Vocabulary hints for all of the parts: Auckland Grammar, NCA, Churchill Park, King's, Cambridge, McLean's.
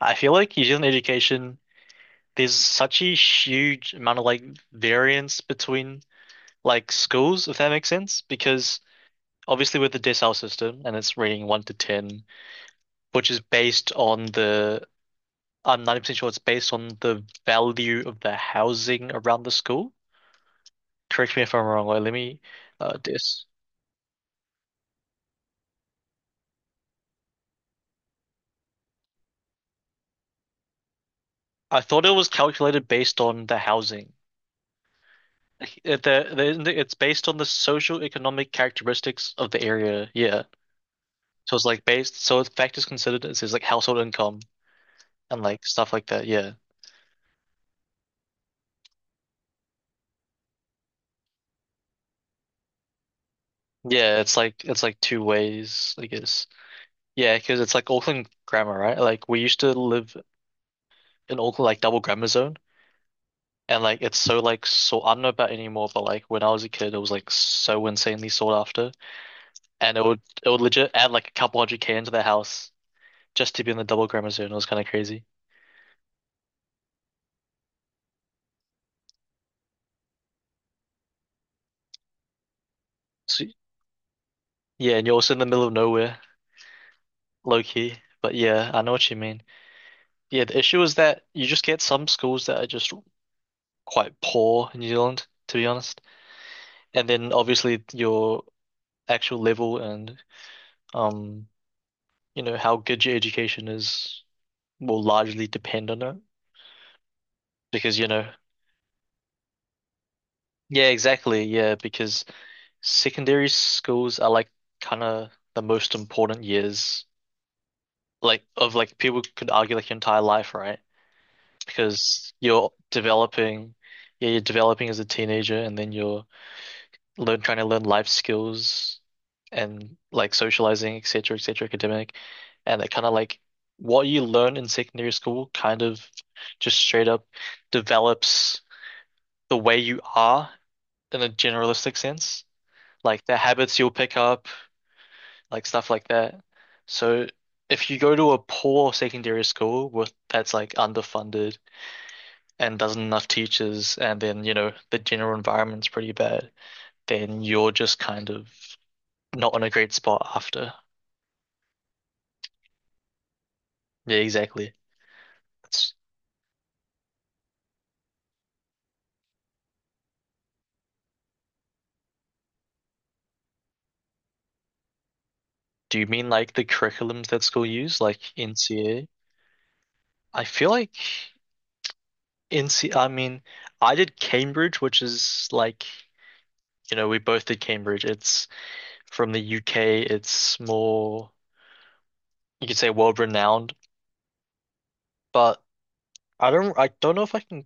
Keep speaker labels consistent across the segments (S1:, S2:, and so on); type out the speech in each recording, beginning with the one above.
S1: I feel like New Zealand education, there's such a huge amount of like variance between like schools, if that makes sense. Because obviously with the decile system and it's rating one to ten, which is based on the I'm 90% sure it's based on the value of the housing around the school. Correct me if I'm wrong, or let me this. I thought it was calculated based on the housing. Like, it's based on the social economic characteristics of the area. Yeah. So it's like based, so effect is considered is his like household income and like stuff like that. Yeah. Yeah, it's like two ways, I guess. Yeah, because it's like Auckland grammar, right? Like we used to live in Auckland like double grammar zone, and like it's so like so I don't know about anymore, but like when I was a kid it was like so insanely sought after. And it would legit add like a couple hundred K into the house just to be in the double grammar zone. It was kind of crazy. So yeah, and you're also in the middle of nowhere, low key. But yeah, I know what you mean. Yeah, the issue is that you just get some schools that are just quite poor in New Zealand, to be honest. And then obviously your actual level and um, how good your education is will largely depend on it. Because, yeah, exactly. Yeah, because secondary schools are like kind of the most important years, like of like people could argue like your entire life, right? Because you're developing, yeah, you're developing as a teenager, and then you're learn trying to learn life skills and like socializing, etc., etc., academic, and it kind of like what you learn in secondary school kind of just straight up develops the way you are in a generalistic sense, like the habits you'll pick up, like stuff like that. So if you go to a poor secondary school with that's like underfunded and doesn't enough teachers, and then the general environment's pretty bad, then you're just kind of not in a great spot after. Yeah, exactly. It's- do you mean like the curriculums that school use, like NCA? I feel like I mean, I did Cambridge, which is like, we both did Cambridge. It's from the UK. It's more, you could say world renowned, but I don't know if I can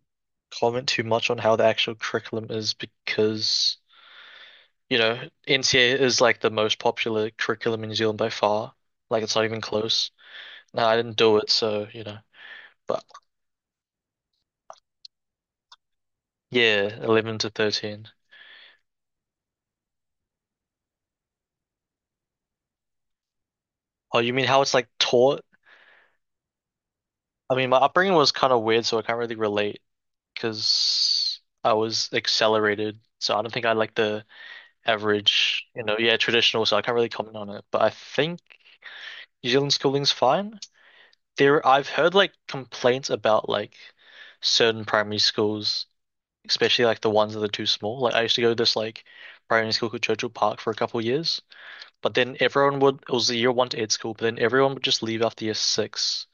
S1: comment too much on how the actual curriculum is because, NCA is like the most popular curriculum in New Zealand by far. Like it's not even close. No, I didn't do it, so you know. But yeah, 11 to 13. Oh, you mean how it's like taught? I mean, my upbringing was kind of weird, so I can't really relate because I was accelerated. So I don't think I like the average, yeah, traditional. So I can't really comment on it. But I think New Zealand schooling's fine. I've heard like complaints about like certain primary schools, especially like the ones that are too small. Like I used to go to this like primary school called Churchill Park for a couple years. But then everyone would, it was the year one to eight school, but then everyone would just leave after year six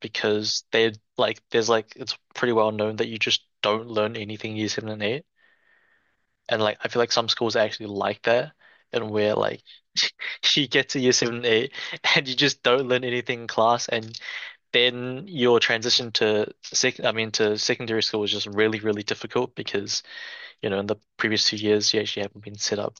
S1: because they like, there's like, it's pretty well known that you just don't learn anything year seven and eight. And like, I feel like some schools are actually like that, and where like you get to year seven and eight and you just don't learn anything in class. And then your transition to I mean, to secondary school is just really, really difficult because, in the previous 2 years, you actually haven't been set up.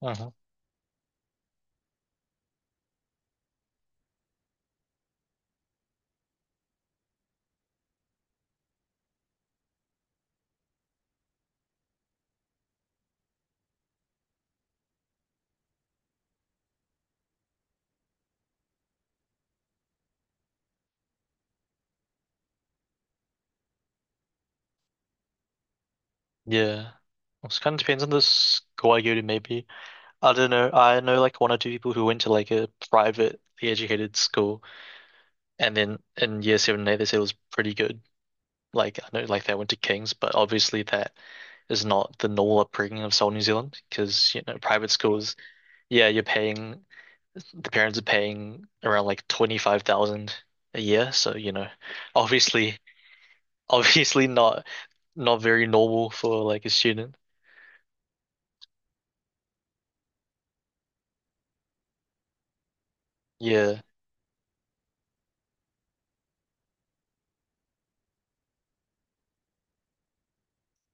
S1: Mhm. Yeah. It kind of depends on the school I go to, maybe. I don't know. I know like one or two people who went to like a privately educated school, and then in year seven and eight, they said it was pretty good. Like, I know like they went to King's, but obviously that is not the normal upbringing of South New Zealand because, private schools, yeah, you're paying, the parents are paying around like 25,000 a year. So, obviously, obviously not very normal for like a student. Yeah.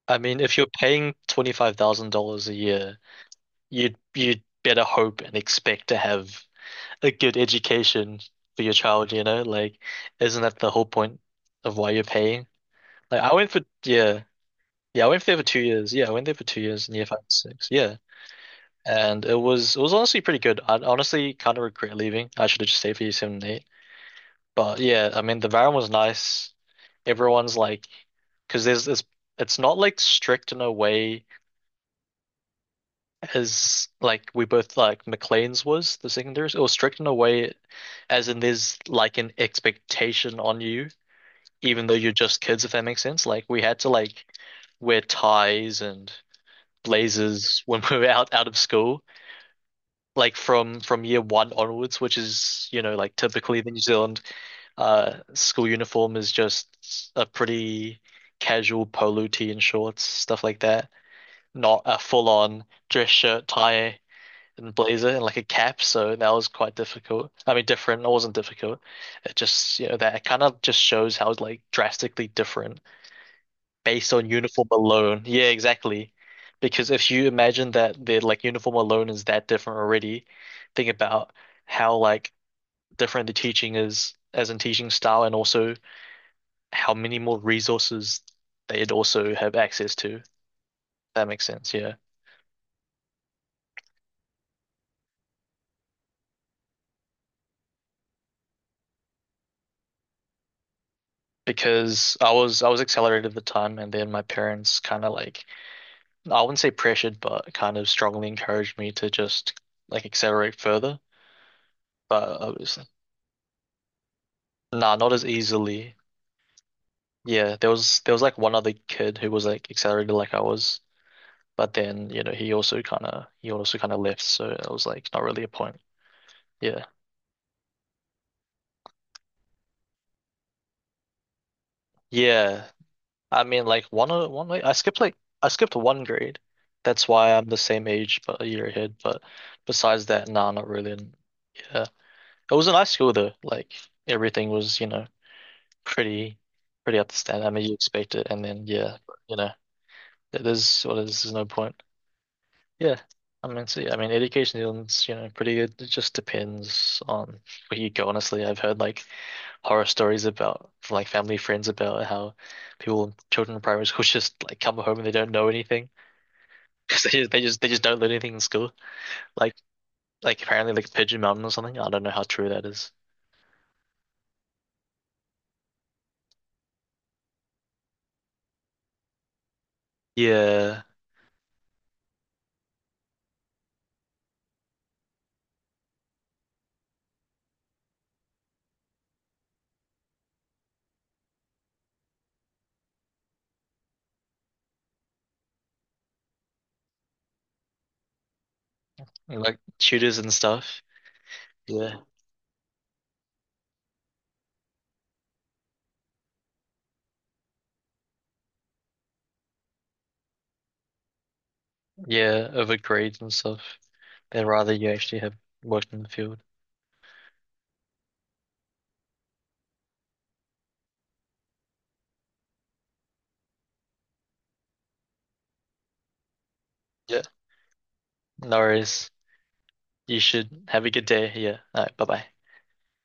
S1: I mean, if you're paying $25,000 a year, you'd better hope and expect to have a good education for your child, you know? Like, isn't that the whole point of why you're paying? Like, yeah, yeah, I went there for 2 years. Yeah, I went there for 2 years in year five and six. Yeah. And it was honestly pretty good. I honestly kind of regret leaving. I should have just stayed for year seven and eight. But yeah, I mean, the environment was nice. Everyone's like, because there's this, it's not like strict in a way as like we both like McLean's was the secondaries. It was strict in a way as in there's like an expectation on you, even though you're just kids, if that makes sense. Like we had to like wear ties and blazers when we were out of school, like from year one onwards, which is, like typically the New Zealand school uniform is just a pretty casual polo tee and shorts, stuff like that. Not a full on dress shirt, tie. And blazer and like a cap, so that was quite difficult. I mean, different. It wasn't difficult. It just, that it kind of just shows how like drastically different based on uniform alone. Yeah, exactly. Because if you imagine that the like uniform alone is that different already, think about how like different the teaching is as in teaching style and also how many more resources they'd also have access to. That makes sense, yeah. Because I was accelerated at the time, and then my parents kind of like I wouldn't say pressured, but kind of strongly encouraged me to just like accelerate further. But I was nah, not as easily. Yeah, there was like one other kid who was like accelerated like I was, but then he also kind of left, so it was like not really a point. Yeah, yeah. I mean, like one o- one like I skipped one grade. That's why I'm the same age but a year ahead. But besides that, nah, not really. And yeah, it was a nice school though. Like everything was pretty pretty up to standard. I mean, you expect it, and then yeah, you know, th- there's well, there's no point. Yeah, I mean, see, I mean, education in New Zealand's pretty good. It just depends on where you go. Honestly, I've heard like horror stories about from like family friends about how people, children in primary school, just like come home and they don't know anything because they just don't learn anything in school. Like like apparently like Pigeon Mountain or something. I don't know how true that is. Yeah, and, like tutors and stuff. Yeah, yeah, over grades and stuff. But rather you actually have worked in the field. Yeah. No worries. You should have a good day. Yeah. All right. Bye bye.